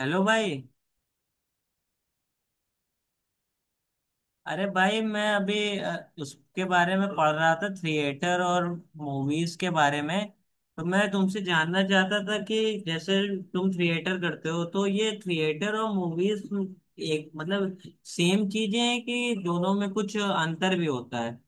Hello भाई। अरे भाई मैं अभी उसके बारे में पढ़ रहा था थिएटर और मूवीज के बारे में। तो मैं तुमसे जानना चाहता था कि जैसे तुम थिएटर करते हो तो ये थिएटर और मूवीज एक मतलब सेम चीजें हैं कि दोनों में कुछ अंतर भी होता है।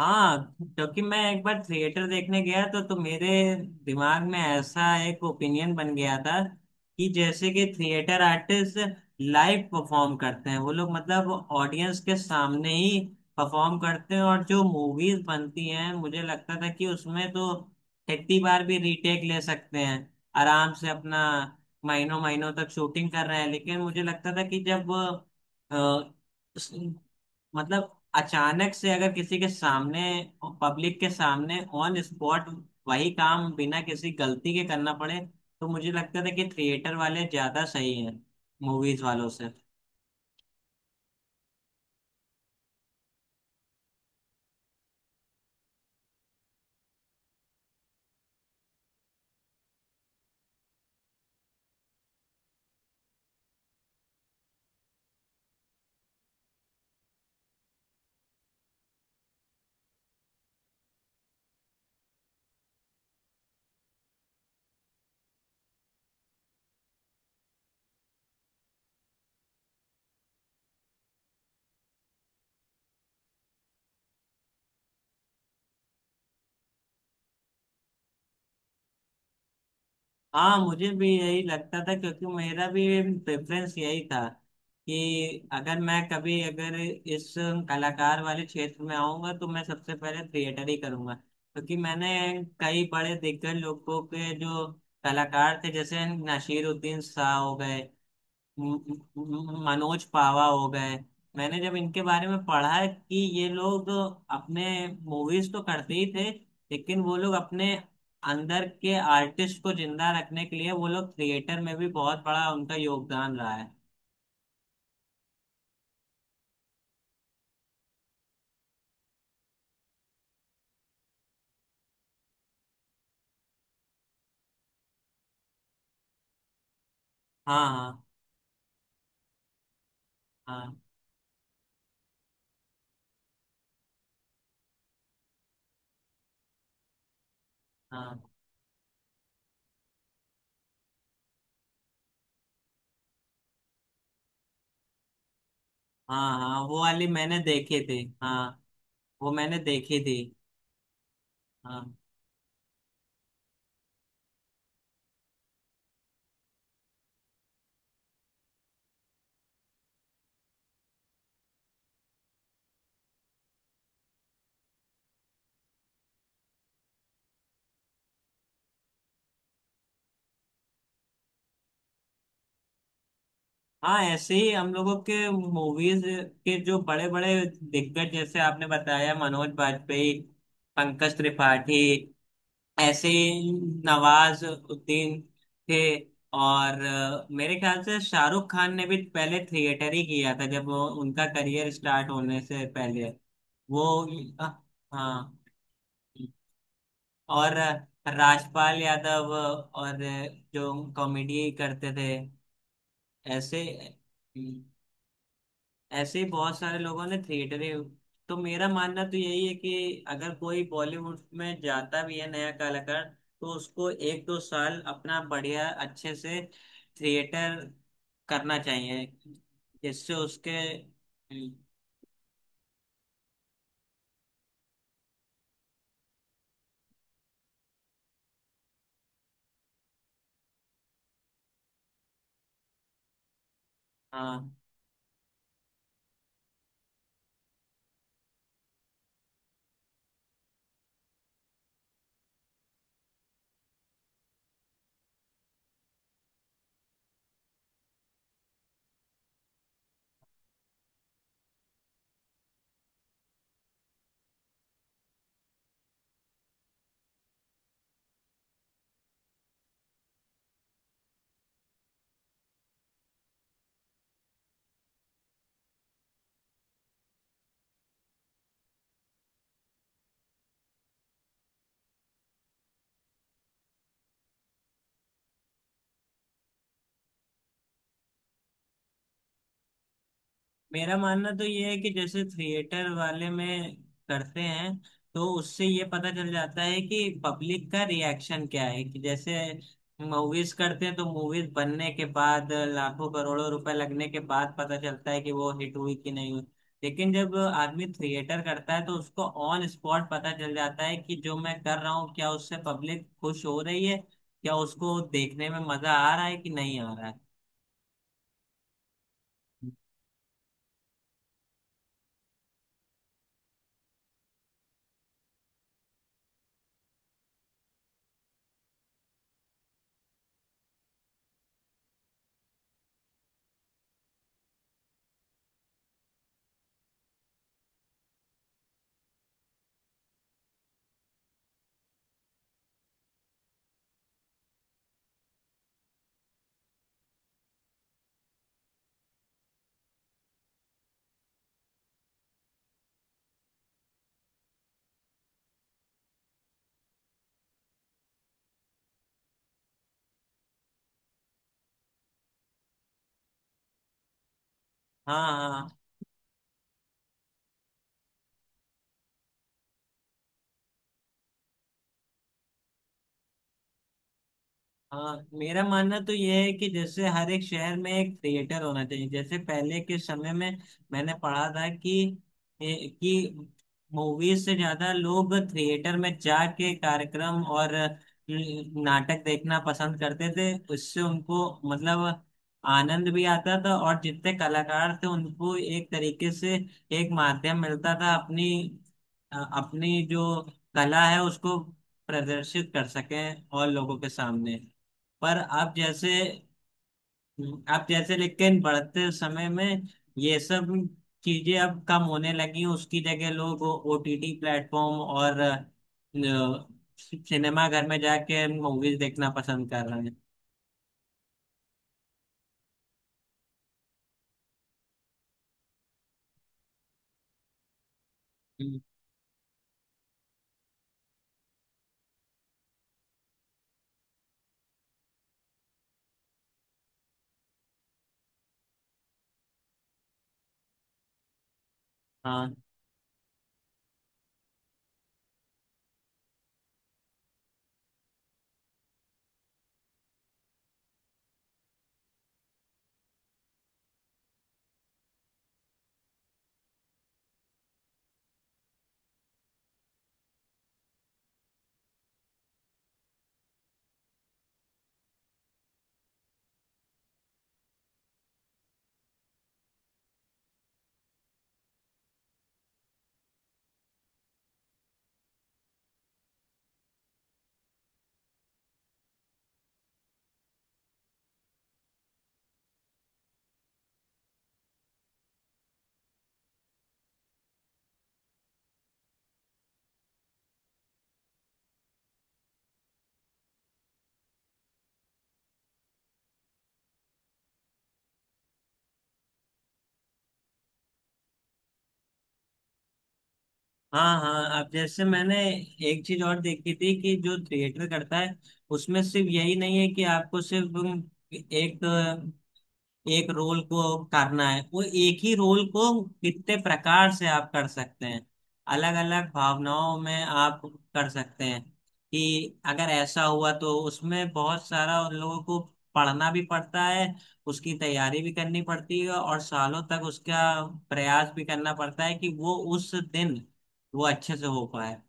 हाँ, क्योंकि मैं एक बार थिएटर देखने गया तो मेरे दिमाग में ऐसा एक ओपिनियन बन गया था कि जैसे कि थिएटर आर्टिस्ट लाइव परफॉर्म करते हैं वो लोग, मतलब ऑडियंस के सामने ही परफॉर्म करते हैं। और जो मूवीज बनती हैं मुझे लगता था कि उसमें तो कितनी बार भी रीटेक ले सकते हैं आराम से अपना, महीनों महीनों तक शूटिंग कर रहे हैं। लेकिन मुझे लगता था कि जब मतलब अचानक से अगर किसी के सामने, पब्लिक के सामने ऑन स्पॉट वही काम बिना किसी गलती के करना पड़े तो मुझे लगता था कि थिएटर वाले ज्यादा सही है मूवीज वालों से। हाँ मुझे भी यही लगता था क्योंकि मेरा भी प्रेफरेंस यही था कि अगर मैं कभी अगर इस कलाकार वाले क्षेत्र में आऊंगा तो मैं सबसे पहले थिएटर ही करूंगा, क्योंकि मैंने कई बड़े दिग्गज लोगों के जो कलाकार थे जैसे नासिरुद्दीन शाह हो गए, म- मनोज पावा हो गए, मैंने जब इनके बारे में पढ़ा कि ये लोग अपने मूवीज तो करते ही थे लेकिन वो लोग अपने अंदर के आर्टिस्ट को जिंदा रखने के लिए वो लोग थिएटर में भी बहुत बड़ा उनका योगदान रहा है। हाँ हाँ। हाँ हाँ। हाँ हाँ, वो वाली मैंने देखी थी, हाँ। वो मैंने देखी थी। हाँ हाँ, ऐसे ही हम लोगों के मूवीज के जो बड़े बड़े दिग्गज, जैसे आपने बताया मनोज बाजपेयी, पंकज त्रिपाठी, ऐसे ही नवाज उद्दीन थे। और मेरे ख्याल से शाहरुख खान ने भी पहले थिएटर ही किया था जब वो, उनका करियर स्टार्ट होने से पहले वो, अ, हाँ। और राजपाल यादव और जो कॉमेडी करते थे, ऐसे ऐसे ही बहुत सारे लोगों ने थिएटरें। तो मेरा मानना तो यही है कि अगर कोई बॉलीवुड में जाता भी है नया कलाकार तो उसको एक दो साल अपना बढ़िया अच्छे से थिएटर करना चाहिए जिससे उसके। हम्म, हाँ मेरा मानना तो ये है कि जैसे थिएटर वाले में करते हैं तो उससे ये पता चल जाता है कि पब्लिक का रिएक्शन क्या है। कि जैसे मूवीज करते हैं तो मूवीज बनने के बाद लाखों करोड़ों रुपए लगने के बाद पता चलता है कि वो हिट हुई कि नहीं हुई। लेकिन जब आदमी थिएटर करता है तो उसको ऑन स्पॉट पता चल जाता है कि जो मैं कर रहा हूँ क्या उससे पब्लिक खुश हो रही है, क्या उसको देखने में मजा आ रहा है कि नहीं आ रहा है। हाँ हाँ हाँ। हाँ मेरा मानना तो यह है कि जैसे हर एक शहर में एक थिएटर होना चाहिए। जैसे पहले के समय में मैंने पढ़ा था कि कि मूवीज से ज्यादा लोग थिएटर में जाके कार्यक्रम और नाटक देखना पसंद करते थे, उससे उनको मतलब आनंद भी आता था और जितने कलाकार थे उनको एक तरीके से एक माध्यम मिलता था अपनी अपनी जो कला है उसको प्रदर्शित कर सकें और लोगों के सामने। पर आप जैसे, लेकिन बढ़ते समय में ये सब चीजें अब कम होने लगी, उसकी जगह लोग ओटीटी प्लेटफॉर्म और सिनेमा घर में जाके मूवीज देखना पसंद कर रहे हैं। हम्म, हाँ हाँ हाँ, अब जैसे मैंने एक चीज और देखी थी कि जो थिएटर करता है उसमें सिर्फ यही नहीं है कि आपको सिर्फ एक एक रोल को करना है, वो एक ही रोल को कितने प्रकार से आप कर सकते हैं, अलग अलग भावनाओं में आप कर सकते हैं। कि अगर ऐसा हुआ तो उसमें बहुत सारा उन लोगों को पढ़ना भी पड़ता है, उसकी तैयारी भी करनी पड़ती है और सालों तक उसका प्रयास भी करना पड़ता है कि वो उस दिन वो अच्छे से हो पाए।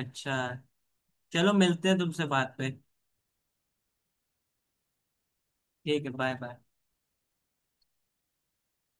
अच्छा, चलो मिलते हैं तुमसे बात पे। ठीक है, बाय बाय।